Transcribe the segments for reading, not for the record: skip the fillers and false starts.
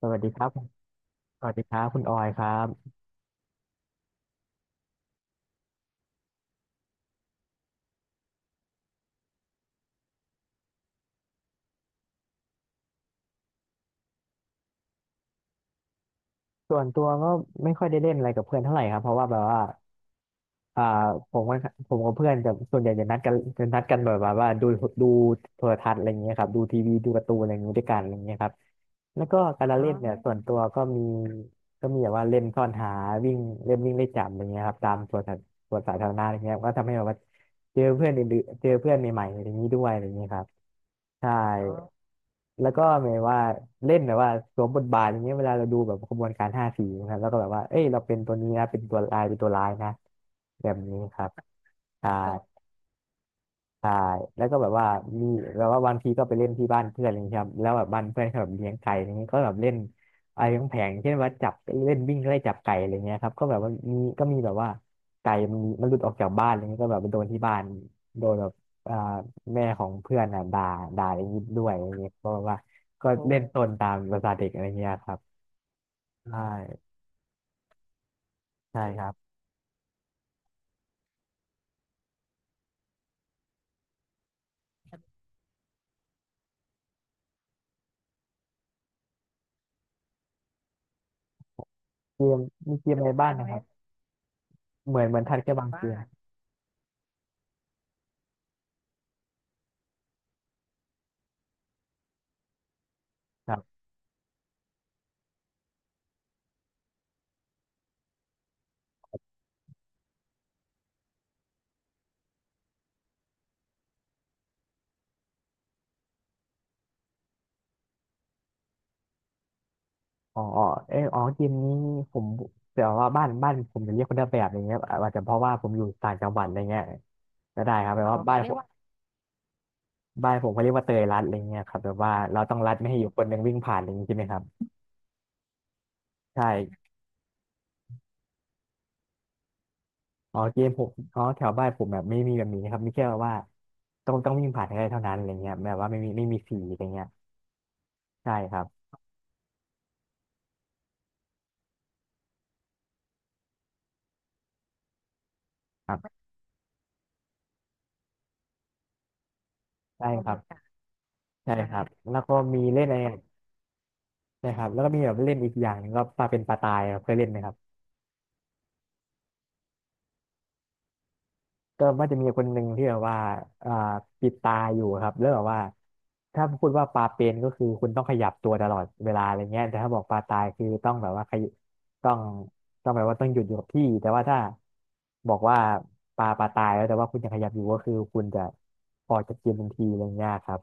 สวัสดีครับสวัสดีครับคุณออยครับส่วนตัวก็ไม่ค่อยได้เล่นอะไรกับเพื่อนเท่าไหร่ครับเพราะว่าแบบว่าอ่าผมก็ผมกับเพื่อนจะส่วนใหญ่จะนัดกันแบบว่าดูดูโทรทัศน์อะไรอย่างเงี้ยครับดูทีวีดูการ์ตูนอะไรอย่างเงี้ยด้วยกันอะไรอย่างเงี้ยครับแล้วก็การละเล่นเนี่ยส่วนตัวก็มีแบบว่าเล่นซ่อนหาวิ่งเล่นวิ่งเล่นจับอะไรเงี้ยครับตามสวนสาธารณะอะไรเงี้ยก็ทำให้แบบว่าเจอเพื่อนอื่นๆเจอเพื่อนใหม่ๆอะไรอย่างนี้ด้วยอะไรอย่างเงี้ยครับ ใช่ แล้วก็หมายว่าเล่นแบบว่าสวมบทบาทอย่างเงี้ยเวลาเราดูแบบขบวนการห้าสีนะครับแล้วก็แบบว่า เอ้ยเราเป็นตัวนี้นะเป็นตัวลายเป็นตัวร้ายนะแบบนี้ครับใช่ ใช่แล้วก็แบบว่ามีแบบว่าบางทีก็ไปเล่นที่บ้านเพื่อนอะไรอย่างเงี้ยครับแล้วแบบบ้านเพื่อนเขาแบบเลี้ยงไก่อะไรเงี้ยก็แบบเล่นอะไรของแผงๆเช่นว่าเล่นวิ่งไล่จับไก่อะไรเงี้ยครับก็แบบว่ามีก็มีแบบว่าไก่มันมันหลุดออกจากบ้านอะไรเงี้ยก็แบบไปโดนที่บ้านโดนแบบอ่าแม่ของเพื่อนอ่ะด่าอย่างนี้ด้วยอะไรเงี้ยก็แบบว่าโอ้เล่นตนตามภาษาเด็กอะไรเงี้ยครับใช่ใช่ครับเกมมีเกมอะไรนบ้างนะครับเหมือนทัดแค่บางเกมามก อ๋ออ๋อเกมนี้ผมแต่ว่าบ้านผมจะเรียกคนละแบบอย่างเงี้ยอาจจะเพราะว่าผมอยู่ต่างจังหวัดอะไรเงี้ยก็ได้ครับแปลอว่าบ้าเขานผม่าบ้านผมเขาเรียกว่าเตยรัดอะไรเงี้ยครับแบบว่าเราต้องรัดไม่ให้อยู่คนหนึ่งวิ่งผ่านอะไรอย่างงี้ใช่ไหมครับใช่อ๋อเกมผมอ๋อแถวบ้านผมแบบไม่มีแบบนี้ครับมีแค่ว่าต้องวิ่งผ่านให้ได้เท่านั้นอะไรเงี้ยแบบว่าไม่มีสีอะไรเงี้ยใช่ครับครับใช่ครับใช่ครับแล้วก็มีเล่นอะไรใช่ครับแล้วก็มีแบบเล่นอีกอย่างหนึงก็ปลาเป็นปลาตายครับเคยเล่นไหมครับ ก็มันจะมีคนหนึ่งที่แบบว่าอ่าปิดตาอยู่ครับแล้วแบบว่า ถ้าพูดว่าปลาเป็นก็คือคุณต้องขยับตัวตลอดเวลาอะไรเงี้ยแต่ถ้าบอกปลาตายคือต้องแบบว่าขยต้องต้องแบบว่าต้องหยุดอยู่กับที่ แต่ว่าถ้าบอกว่าปลาตายแล้วแต่ว่าคุณยังขยับอยู่ก็คือคุณจะออกจากเกมทันทีอะไรเงี้ยครับ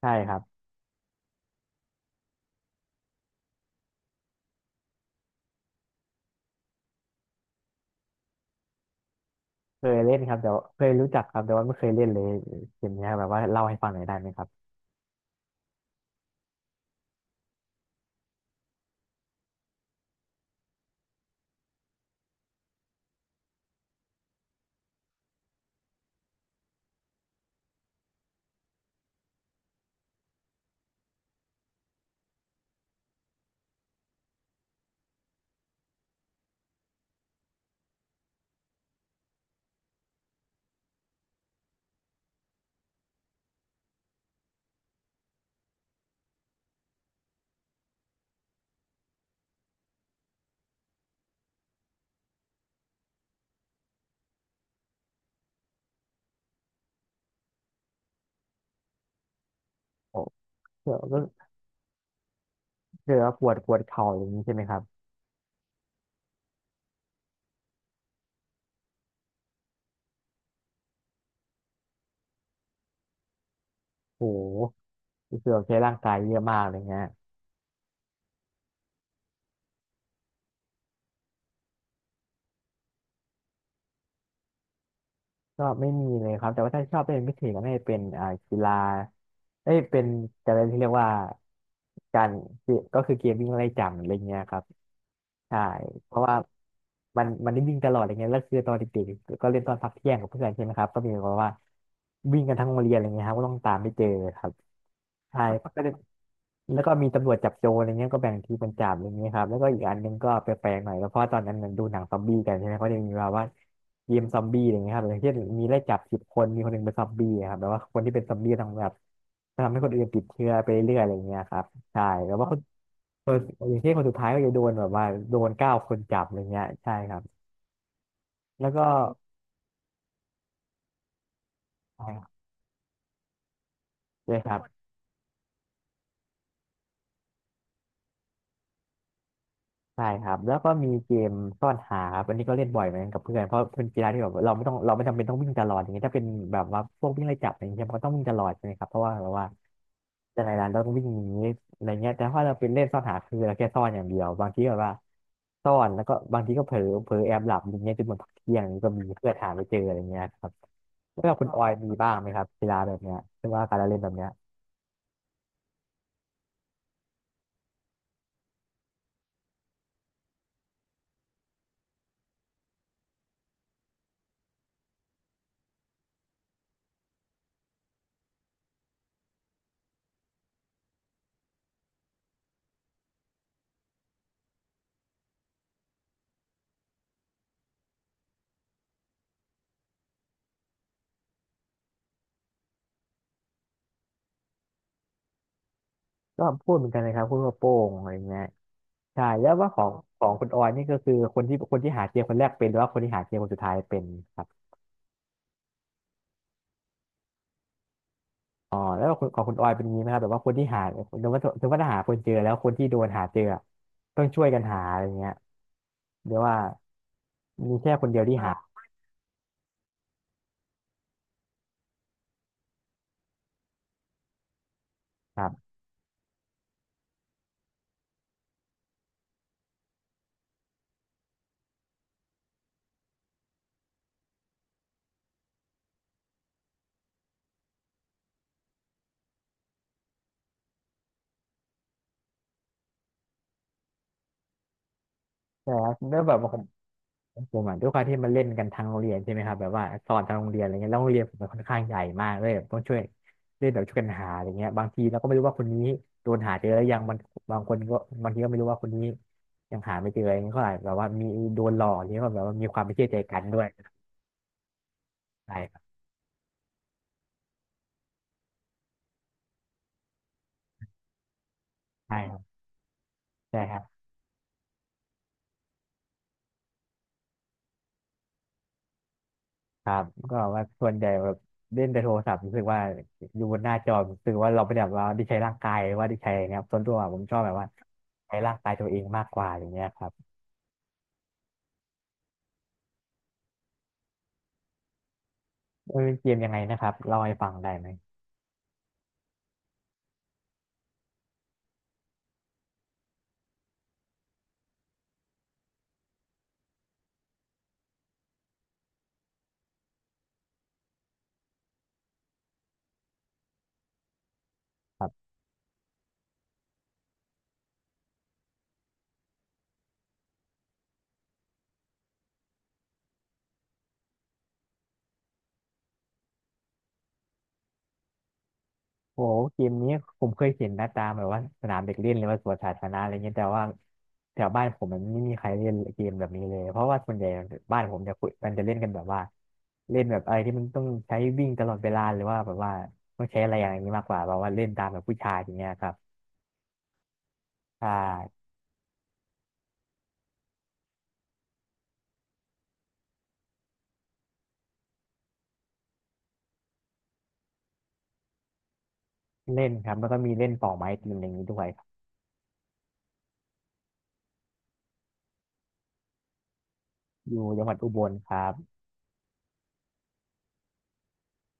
ใช่ครับเคยเล่นครับแต่ว่าเคยรู้จักครับแต่ว่าไม่เคยเล่นเลยเกมเนี้ยแบบว่าเล่าให้ฟังหน่อยได้ไหมครับโอ้ก็คือว่าปวดปวดเข่าอย่างนี้ใช่ไหมครับ โหรู้สึกว่าใช้ร่างกายเยอะมากเลยฮะก็ไม่มีเลยครับแต่ว่าถ้าชอบเล่นพิเศษก็ไม่าจะเป็นกีฬาเอ้ยเป็นการเล่นที่เรียกว่าการก็คือเกมวิ่งไล่จับอะไรเงี้ยครับใช่เพราะว่ามันได้วิ่งตลอดอะไรเงี้ยแล้วคือตอนเด็กๆก็เล่นตอนพักเที่ยงกับเพื่อนใช่ไหมครับ ก็มีแบบว่าวิ่งกันทั้งโรงเรียนอะไรเงี้ยครับก็ต้องตามไปเจอครับใช่ แล้วก็มีตำรวจจับโจรอะไรเงี้ยก็แบ่งทีมเป็นจัาอะไรเงี้ยครับแล้วก็อีกอันหนึงก็แปลกๆหน่อยก็เพราะตอนนั้นมันดูหนังซอมบี้กันใช่ไหมเขาจะมีแบบว่าเกมซอมบี้อะไรเงี้ยครับอย่างเช่นมีไล่จับ10 คนมีคนหนึ่งเป็นซอมบี้อะครับแบบว่าคนที่เป็นซอมบี้ต้องแบบทำให้คนอื่นติดเชื้อไปเรื่อยอะไรเงี้ยครับใช่แล้วว่าคนอย่างเช่นคนสุดท้ายก็จะโดนแบบว่าโดน9 คนจับอะไรเงี้ยใช่ครับแล้วก็ใช่ครับ ใช่ครับแล้วก็มีเกมซ่อนหาครับอันนี้ก็เล่นบ่อยเหมือนกันกับเพื่อนเพราะเป็นกีฬาที่แบบเราไม่จำเป็นต้องวิ่งตลอดอย่างเงี้ยถ้าเป็นแบบว่าพวกวิ่งไล่จับอะไรเงี้ยมันก็ต้องวิ่งตลอดใช่ไหมครับเพราะว่าแบบว่าแต่ในร้านเราต้องวิ่งหนีอะไรเงี้ยแต่ถ้าเราเป็นเล่นซ่อนหาคือเราแค่ซ่อนอย่างเดียวบางทีแบบว่าซ่อนแล้วก็บางทีก็เผลอแอบหลับอย่างเงี้ยจนหมดพักเที่ยงก็มีเพื่อนหาไม่เจออะไรเงี้ยครับแล้วคุณออยมีบ้างไหมครับกีฬาแบบเนี้ยหรือว่าการเล่นแบบเนี้ยก็พูดเหมือนกันเลยครับพูดว่าโป้งอะไรเงี้ย ใช่แล้วว่าของของคุณออยนี่ก็คือคนที่หาเจมคนแรกเป็นหรือว่าคนที่หาเจมคนสุดท้ายเป็นครับอ๋อแล้วของของคุณออยเป็นอย่างนี้ไหมครับแบบว่าคนที่หาสมมติว่าหาคนเจอแล้วคนที่โดนหาเจออะต้องช่วยกันหาอะไรเงี้ยเรียกว่ามีแค่คนเดียวที่หาครับใช่ครับแล้วแบบ ผมอ่ะด้วยความที่มันเล่นกันทางโรงเรียนใช่ไหมครับแบบว่าสอนทางโรงเรียนอะไรเงี้ยแล้วโรงเรียนผมมันค่อนข้างใหญ่มากเลยแบบต้องช่วยเล่นแบบช่วยกันหาอะไรเงี้ยบางทีเราก็ไม่รู้ว่าคนนี้โดนหาเจอแล้วยังบางบางคนก็บางทีก็ไม่รู้ว่าคนนี้ยังหาไม่เจออะไรเงี้ยก็อาจแบบว่ามีโดนหลอกอย่างเงี้ยก็แบบว่ามีความไม่เชื่อใจกันด้วยใช่ครับใช่ครับใช่ครับครับก็แบบว่าส่วนใหญ่แบบเล่นแต่โทรศัพท์รู้สึกว่าอยู่บนหน้าจอรู้สึกว่าเราไม่ได้แบบว่าได้ใช้ร่างกายหรือว่าได้ใช้อะไรเงี้ยครับส่วนตัวผมชอบแบบว่าใช้ร่างกายตัวเองมากกว่าอย่างเงี้ยครับ เออเกมยังไงนะครับเล่าให้ฟังได้ไหมโอ้โหเกมนี้ผมเคยเห็นหน้าตาแบบว่าสนามเด็กเล่นหรือว่าสวนสาธารณะอะไรเงี้ยแต่ว่าแถวบ้านผมมันไม่มีใครเล่นเกมแบบนี้เลยเพราะว่าส่วนใหญ่บ้านผมจะคุยมันจะเล่นกันแบบว่าเล่นแบบอะไรที่มันต้องใช้วิ่งตลอดเวลาหรือว่าแบบว่าต้องใช้อะไรอย่างนี้มากกว่าแบบว่าเล่นตามแบบผู้ชายอย่างเงี้ยครับถ้าเล่นครับแล้วก็มีเล่นปอกไม้ตีนอย่างนี้ด้วยครับอยู่จังหวัดอุบลครับ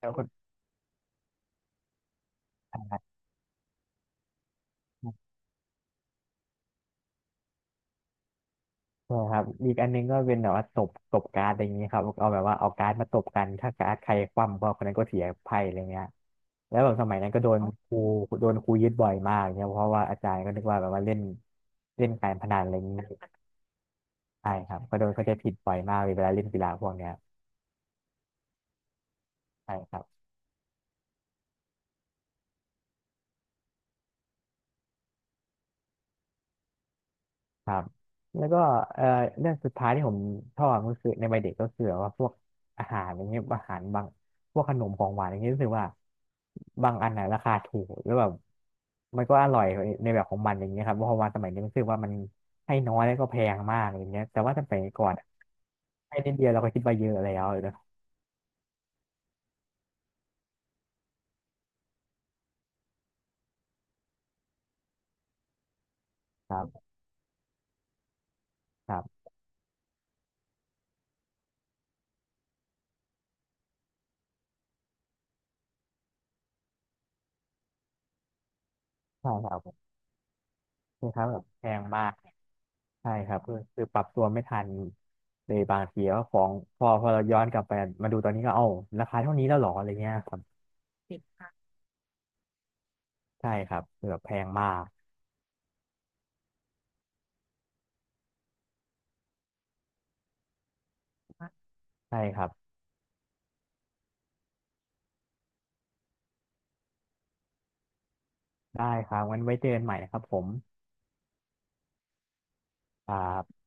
แล้วก็ ใช่ครับอีกอันนึงก็เป็นแบบว่าตบการ์ดอะไรอย่างเี้ครับเอาแบบว่าเอาการ์ดมาตบกันถ้าการ์ดใครคว่ำก็คนนั้นก็เสียไพ่อะไรเงี้ยแล้วแบบสมัยนั้นก็โดนครูยึดบ่อยมากเนี่ยเพราะว่าอาจารย์ก็นึกว่าแบบว่าเล่นเล่นการพนันอะไรอย่างนี้ใช่ครับก็โดนเขาใจผิดบ่อยมากเลยเวลาเล่นกีฬาพวกเนี้ยใช่ครับ ครับแล้วก็เอ่อเรื่องสุดท้ายที่ผมชอบก็คือในวัยเด็กก็คือแบบว่าพวกอาหารอย่างเงี้ยอาหารบางพวกขนมของหวานอย่างเงี้ยรู้สึกว่าบางอันน่ะราคาถูกแล้วแบบมันก็อร่อยในแบบของมันอย่างเงี้ยครับเพราะว่าสมัยนี้รู้สึกว่ามันให้น้อยแล้วก็แพงมากอย่างเงี้ยแต่ว่าสมัยก่อนให้นิดเดียวเราก็คิดว่าเยอะแล้วนะครับครับใช่ครับใช่ครับแบบแพงมาก ใช่ครับคือปรับตัวไม่ทันเลยบางทีว่าของพอเราย้อนกลับไปมาดูตอนนี้ก็เอ้าราคาเท่านี้แล้วเหรออะไรเงี้ยครับใช่ครับคือแบบแพงมากใช่ครับได้ครับงั้นไว้เจอกันใหม่นะครับผมครับ